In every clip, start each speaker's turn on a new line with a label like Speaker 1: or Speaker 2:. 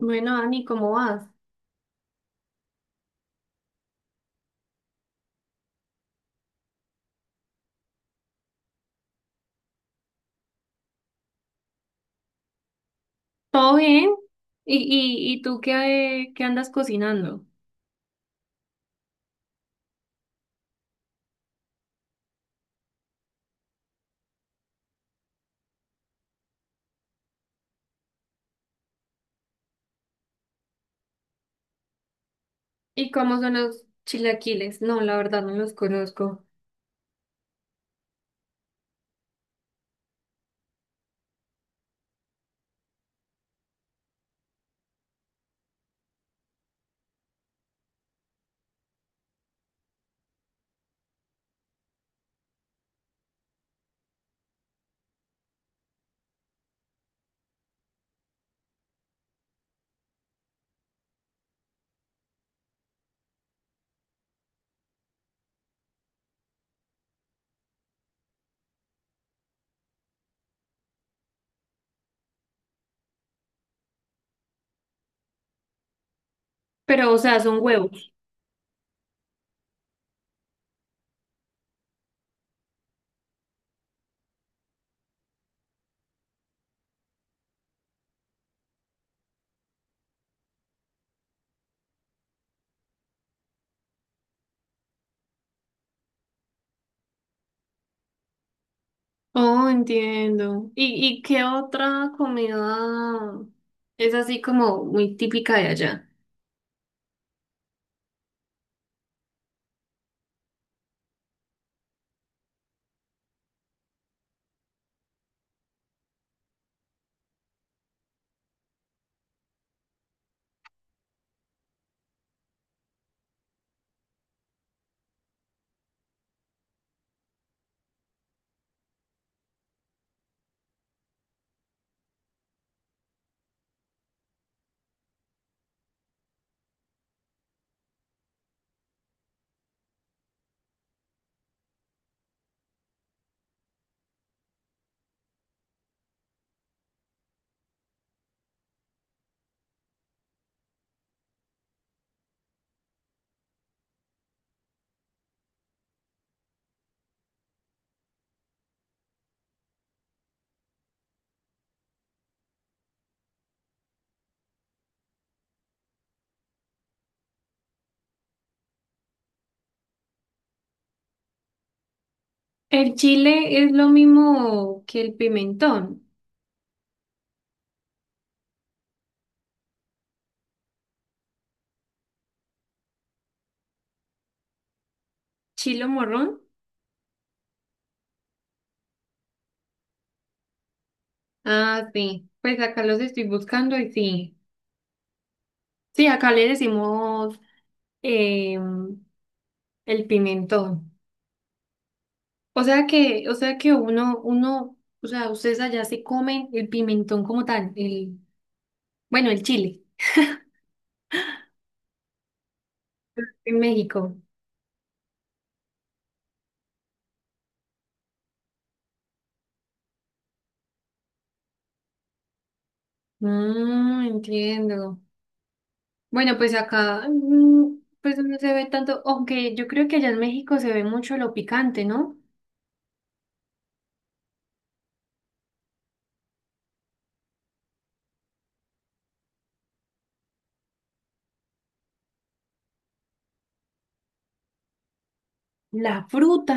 Speaker 1: Bueno, Dani, ¿cómo vas? ¿Todo bien? ¿Y tú qué andas cocinando? ¿Y cómo son los chilaquiles? No, la verdad no los conozco. Pero, o sea, son huevos. Oh, entiendo. ¿Y qué otra comida es así como muy típica de allá? El chile es lo mismo que el pimentón. ¿Chilo morrón? Ah, sí. Pues acá los estoy buscando y sí. Sí, acá le decimos em, el pimentón. O sea que uno, o sea, ustedes allá se comen el pimentón como tal, el, bueno, el chile, en México. Mm, entiendo. Bueno, pues acá, mm, pues no se ve tanto, aunque yo creo que allá en México se ve mucho lo picante, ¿no? La fruta,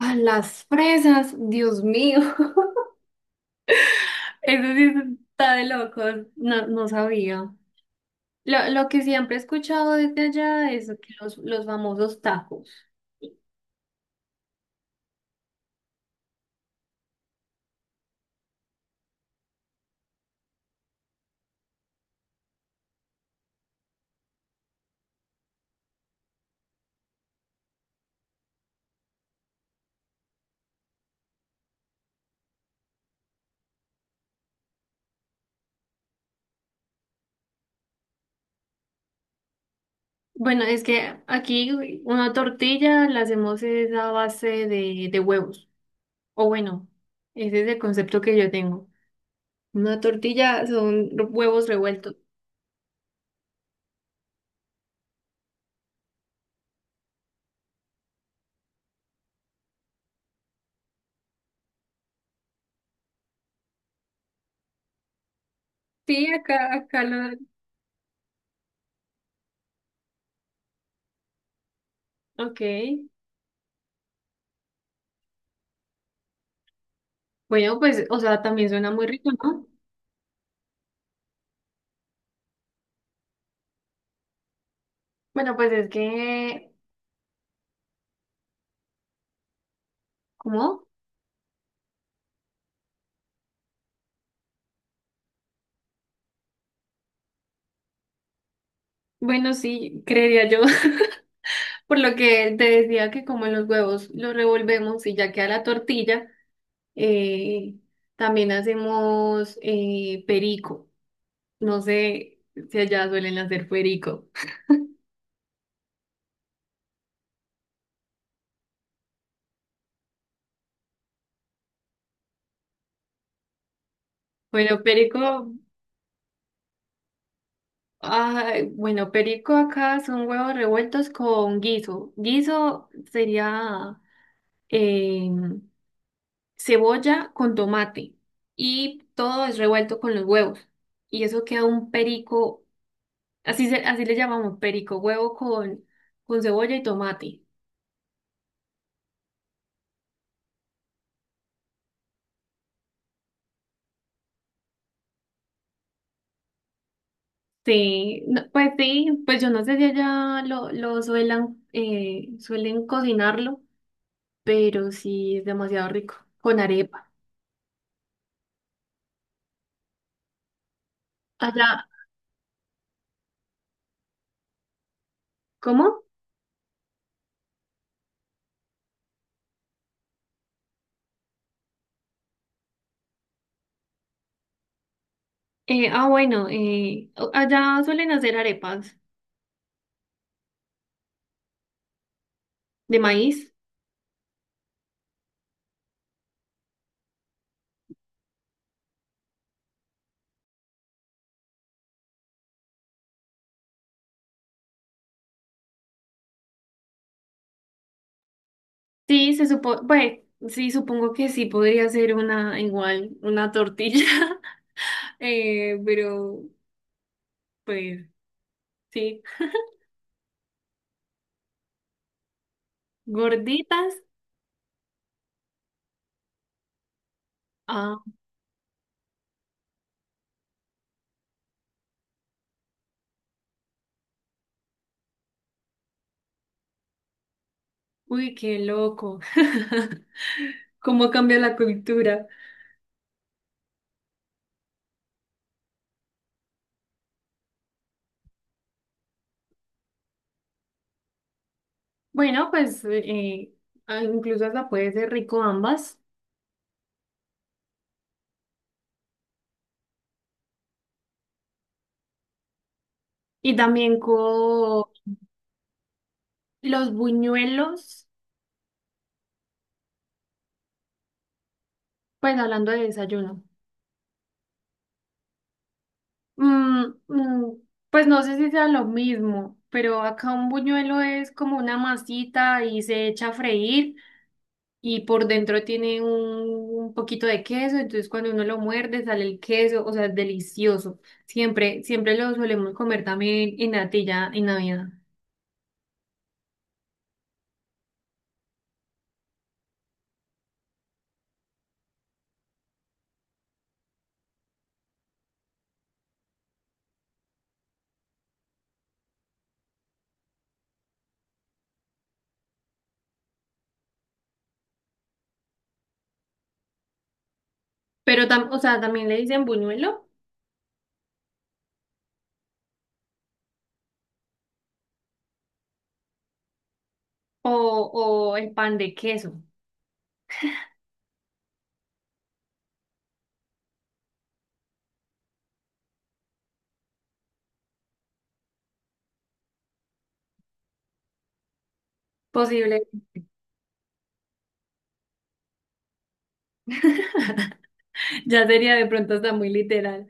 Speaker 1: a las fresas, Dios mío, eso sí está de locos, no, no sabía. Lo que siempre he escuchado desde allá es que los famosos tacos. Bueno, es que aquí una tortilla la hacemos es a base de huevos. O bueno, ese es el concepto que yo tengo. Una tortilla son huevos revueltos. Sí, acá lo... Ok. Bueno, pues, o sea, también suena muy rico, ¿no? Bueno, pues es que... ¿Cómo? Bueno, sí, creería yo. Por lo que te decía que como los huevos los revolvemos y ya queda la tortilla, eh, también hacemos perico. No sé si allá suelen hacer perico. Bueno, perico, ay, bueno, perico acá son huevos revueltos con guiso. Guiso sería eh, cebolla con tomate y todo es revuelto con los huevos. Y eso queda un perico, así, así le llamamos perico, huevo con cebolla y tomate. Sí, no, pues sí, pues yo no sé si allá lo suelan, suelen cocinarlo. Pero sí es demasiado rico, con arepa. Allá, ¿cómo? Allá suelen hacer arepas de maíz. Sí, se supo, pues, sí, supongo que sí podría ser una igual, una tortilla, pero pues sí, gorditas. Ah, uy, qué loco. ¿Cómo cambia la cultura? Bueno, pues incluso hasta puede ser rico ambas. Y también con los buñuelos, pues hablando de desayuno, mm, mm, pues no sé si sea lo mismo, pero acá un buñuelo es como una masita y se echa a freír y por dentro tiene un poquito de queso, entonces cuando uno lo muerde sale el queso, o sea, es delicioso. Siempre, siempre lo solemos comer también en natilla en Navidad. Pero o sea, también le dicen buñuelo o, o el pan de queso. Posible. Ya sería de pronto hasta muy literal.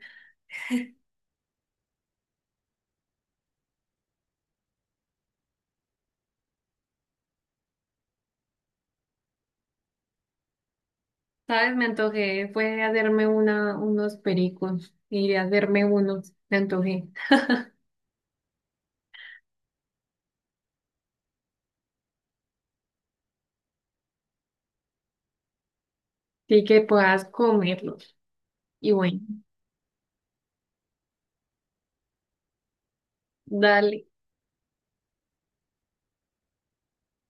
Speaker 1: ¿Sabes? Me antojé. Fue hacerme una, unos pericos. Iré a hacerme unos. Me antojé. Así que puedas comerlos. Y bueno, dale.